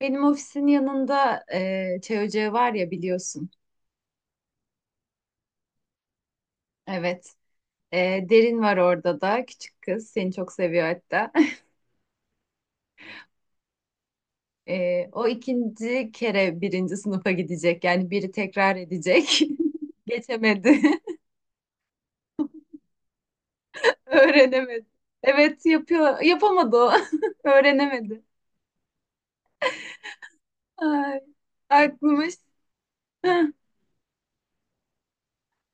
Benim ofisin yanında çay ocağı var ya biliyorsun. Evet. Derin var orada da. Küçük kız. Seni çok seviyor hatta. O ikinci kere birinci sınıfa gidecek. Yani biri tekrar edecek. Geçemedi. Öğrenemedi. Evet yapıyor. Yapamadı o. Öğrenemedi. Ay, aklımız. Heh.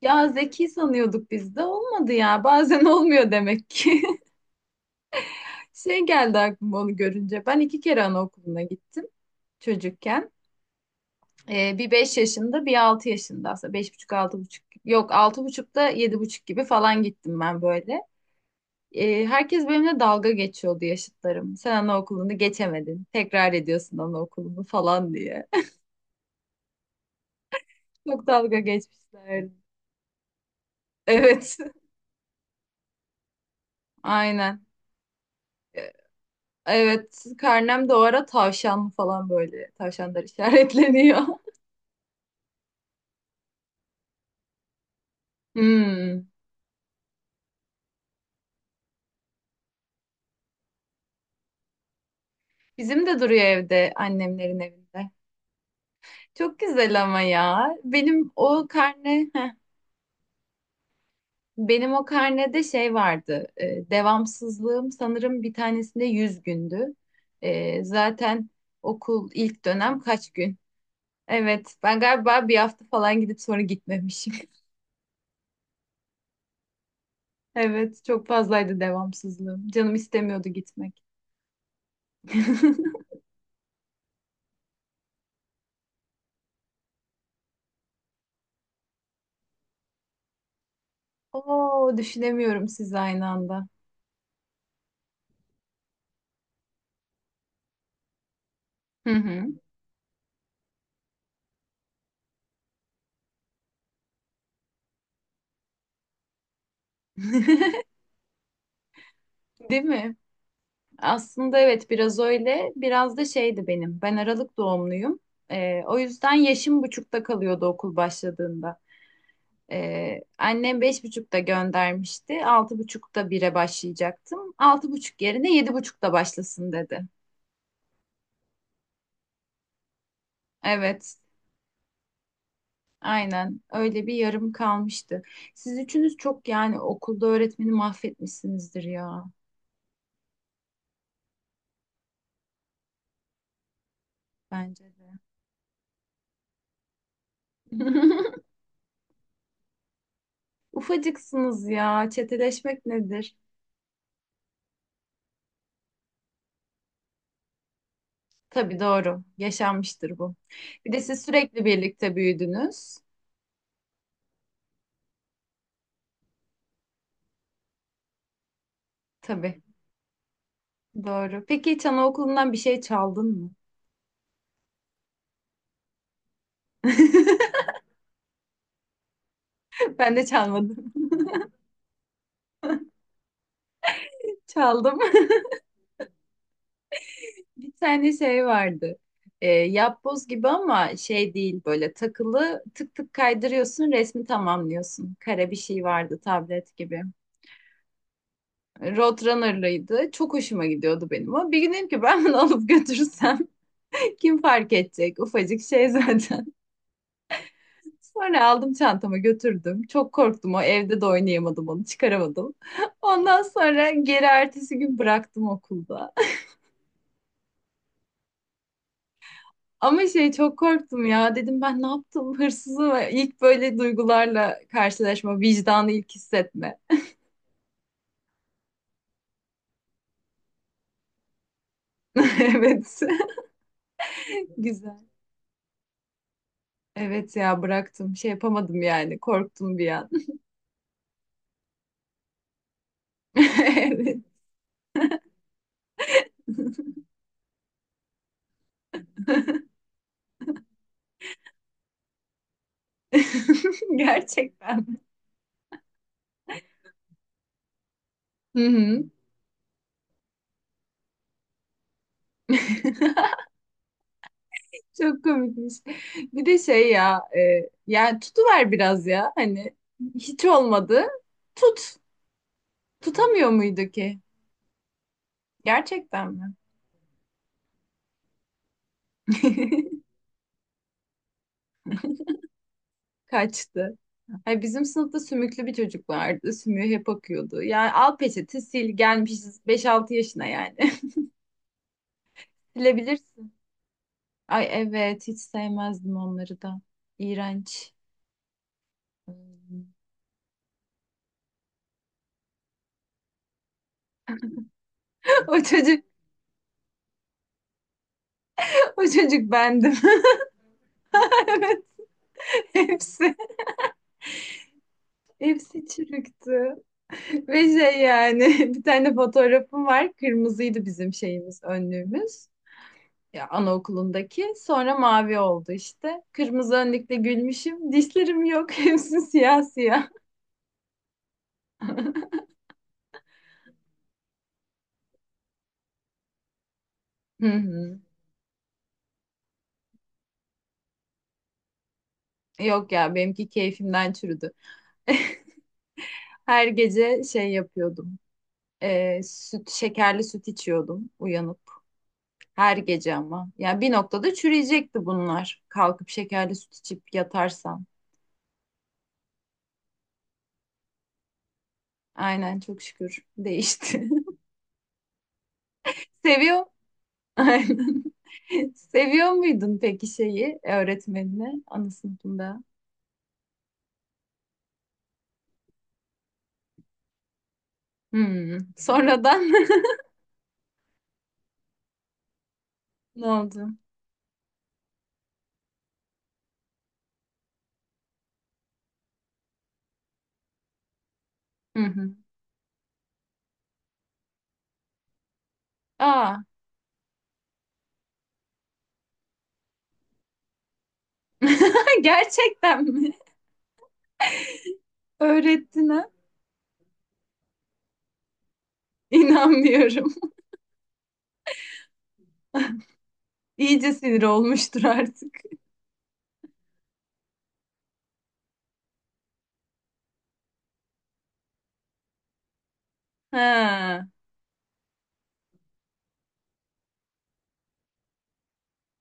Ya zeki sanıyorduk biz de. Olmadı ya. Bazen olmuyor demek ki. Şey geldi aklıma onu görünce. Ben iki kere anaokuluna gittim çocukken. Bir 5 yaşında bir 6 yaşında aslında beş buçuk altı buçuk yok altı buçukta yedi buçuk gibi falan gittim ben böyle. Herkes benimle dalga geçiyordu yaşıtlarım. Sen anaokulunu geçemedin. Tekrar ediyorsun anaokulunu falan diye. Çok dalga geçmişler. Evet. Aynen. Ee, Evet. Karnem de o ara tavşan falan böyle. Tavşanlar işaretleniyor. Hmm. Bizim de duruyor evde annemlerin evinde. Çok güzel ama ya. Benim o karne benim o karnede şey vardı. Devamsızlığım sanırım bir tanesinde 100 gündü. Zaten okul ilk dönem kaç gün? Evet, ben galiba bir hafta falan gidip sonra gitmemişim. Evet, çok fazlaydı devamsızlığım. Canım istemiyordu gitmek. Oo, düşünemiyorum siz aynı anda. Hı hı. Değil mi? Aslında evet biraz öyle. Biraz da şeydi benim. Ben Aralık doğumluyum. O yüzden yaşım buçukta kalıyordu okul başladığında. Annem beş buçukta göndermişti. Altı buçukta bire başlayacaktım. Altı buçuk yerine yedi buçukta başlasın dedi. Evet, aynen öyle bir yarım kalmıştı. Siz üçünüz çok yani okulda öğretmeni mahvetmişsinizdir ya, bence de. Ufacıksınız ya. Çeteleşmek nedir? Tabii doğru. Yaşanmıştır bu. Bir de siz sürekli birlikte büyüdünüz. Tabii doğru. Peki hiç anaokulundan bir şey çaldın mı? Ben de çalmadım. Çaldım. Bir tane şey vardı. Yapboz gibi ama şey değil, böyle takılı tık tık kaydırıyorsun, resmi tamamlıyorsun. Kare bir şey vardı, tablet gibi. Roadrunner'lıydı. Çok hoşuma gidiyordu benim o. Bir gün dedim ki ben bunu alıp götürürsem kim fark edecek? Ufacık şey zaten. Sonra aldım, çantama götürdüm. Çok korktum, o evde de oynayamadım, onu çıkaramadım. Ondan sonra geri ertesi gün bıraktım okulda. Ama şey çok korktum ya. Dedim, ben ne yaptım, hırsızı mı? İlk böyle duygularla karşılaşma, vicdanı ilk hissetme. Evet. Güzel. Evet ya, bıraktım. Şey yapamadım yani. Korktum bir an. Evet. Gerçekten. Hı hı. Çok komikmiş. Bir de şey ya, yani tutuver biraz ya. Hani hiç olmadı. Tut. Tutamıyor muydu ki? Gerçekten mi? Kaçtı. Ay, bizim sınıfta sümüklü bir çocuk vardı. Sümüğü hep akıyordu. Yani al peçete sil, gelmişiz beş altı yaşına yani. Silebilirsin. Ay evet, hiç sevmezdim onları da. İğrenç. O çocuk, O çocuk bendim. Evet, hepsi, hepsi çürüktü. Ve şey yani bir tane fotoğrafım var. Kırmızıydı bizim şeyimiz, önlüğümüz. Ya anaokulundaki. Sonra mavi oldu işte. Kırmızı önlükle gülmüşüm. Dişlerim yok. Hepsi siyah siyah. Hı hı. Yok ya, benimki keyfimden çürüdü. Her gece şey yapıyordum. Şekerli süt içiyordum uyanıp. Her gece ama. Ya bir noktada çürüyecekti bunlar. Kalkıp şekerli süt içip yatarsam. Aynen, çok şükür değişti. Seviyor. Aynen. Seviyor muydun peki şeyi, öğretmenini ana sınıfında? Hmm. Sonradan ne oldu? Hı hı. Aa. Gerçekten mi? Öğrettin ha? İnanmıyorum. İyice sinir olmuştur artık. Ha,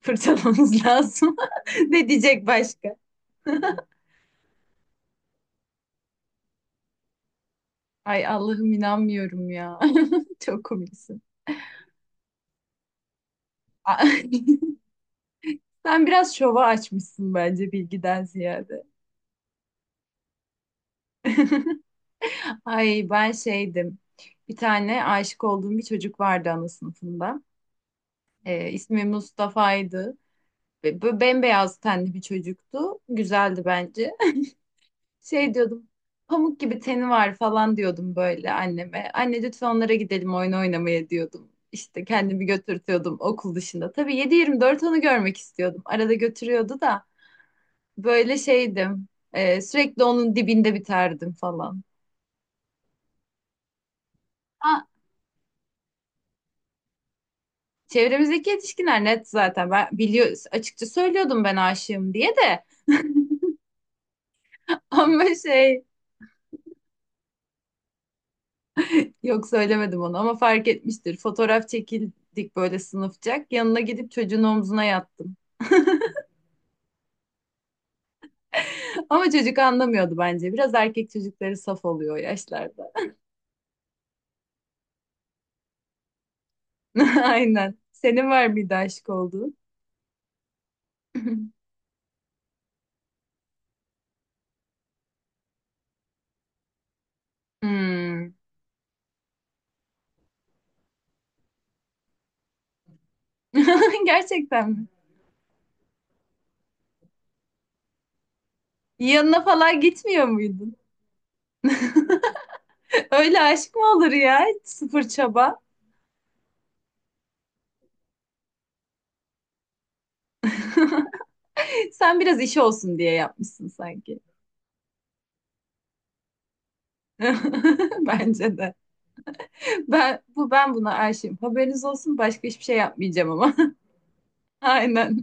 fırçalamamız lazım. Ne diyecek başka? Ay Allah'ım, inanmıyorum ya. Çok komiksin. A- Sen biraz şova açmışsın bence, bilgiden ziyade. Ay ben şeydim. Bir tane aşık olduğum bir çocuk vardı ana sınıfında. İsmi Mustafa'ydı. Ve böyle bembeyaz tenli bir çocuktu. Güzeldi bence. Şey diyordum. Pamuk gibi teni var falan diyordum böyle anneme. Anne lütfen onlara gidelim oyun oynamaya diyordum. İşte kendimi götürtüyordum okul dışında. Tabii 7/24 onu görmek istiyordum. Arada götürüyordu da böyle şeydim. Sürekli onun dibinde biterdim falan. Ha, çevremizdeki yetişkinler net zaten. Ben biliyor, açıkça söylüyordum ben aşığım diye de. Ama şey, yok söylemedim onu, ama fark etmiştir. Fotoğraf çekildik böyle sınıfçak. Yanına gidip çocuğun omzuna yattım. Ama çocuk anlamıyordu bence. Biraz erkek çocukları saf oluyor o yaşlarda. Aynen. Senin var mıydı aşık olduğun? Hmm. Gerçekten mi? Yanına falan gitmiyor muydun? Öyle aşk mı olur ya? Hiç. Sıfır çaba. Sen biraz iş olsun diye yapmışsın sanki. Bence de. Ben buna aşığım. Haberiniz olsun, başka hiçbir şey yapmayacağım ama. Aynen.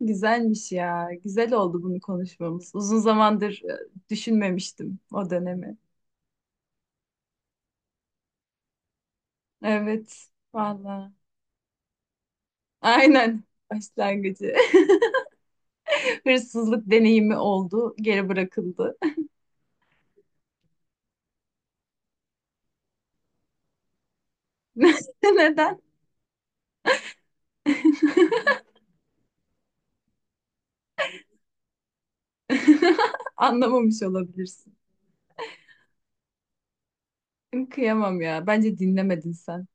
Güzelmiş ya. Güzel oldu bunu konuşmamız. Uzun zamandır düşünmemiştim o dönemi. Evet, valla. Aynen başlangıcı. Hırsızlık deneyimi oldu, geri bırakıldı. Neden? Anlamamış olabilirsin. Kıyamam ya. Bence dinlemedin sen.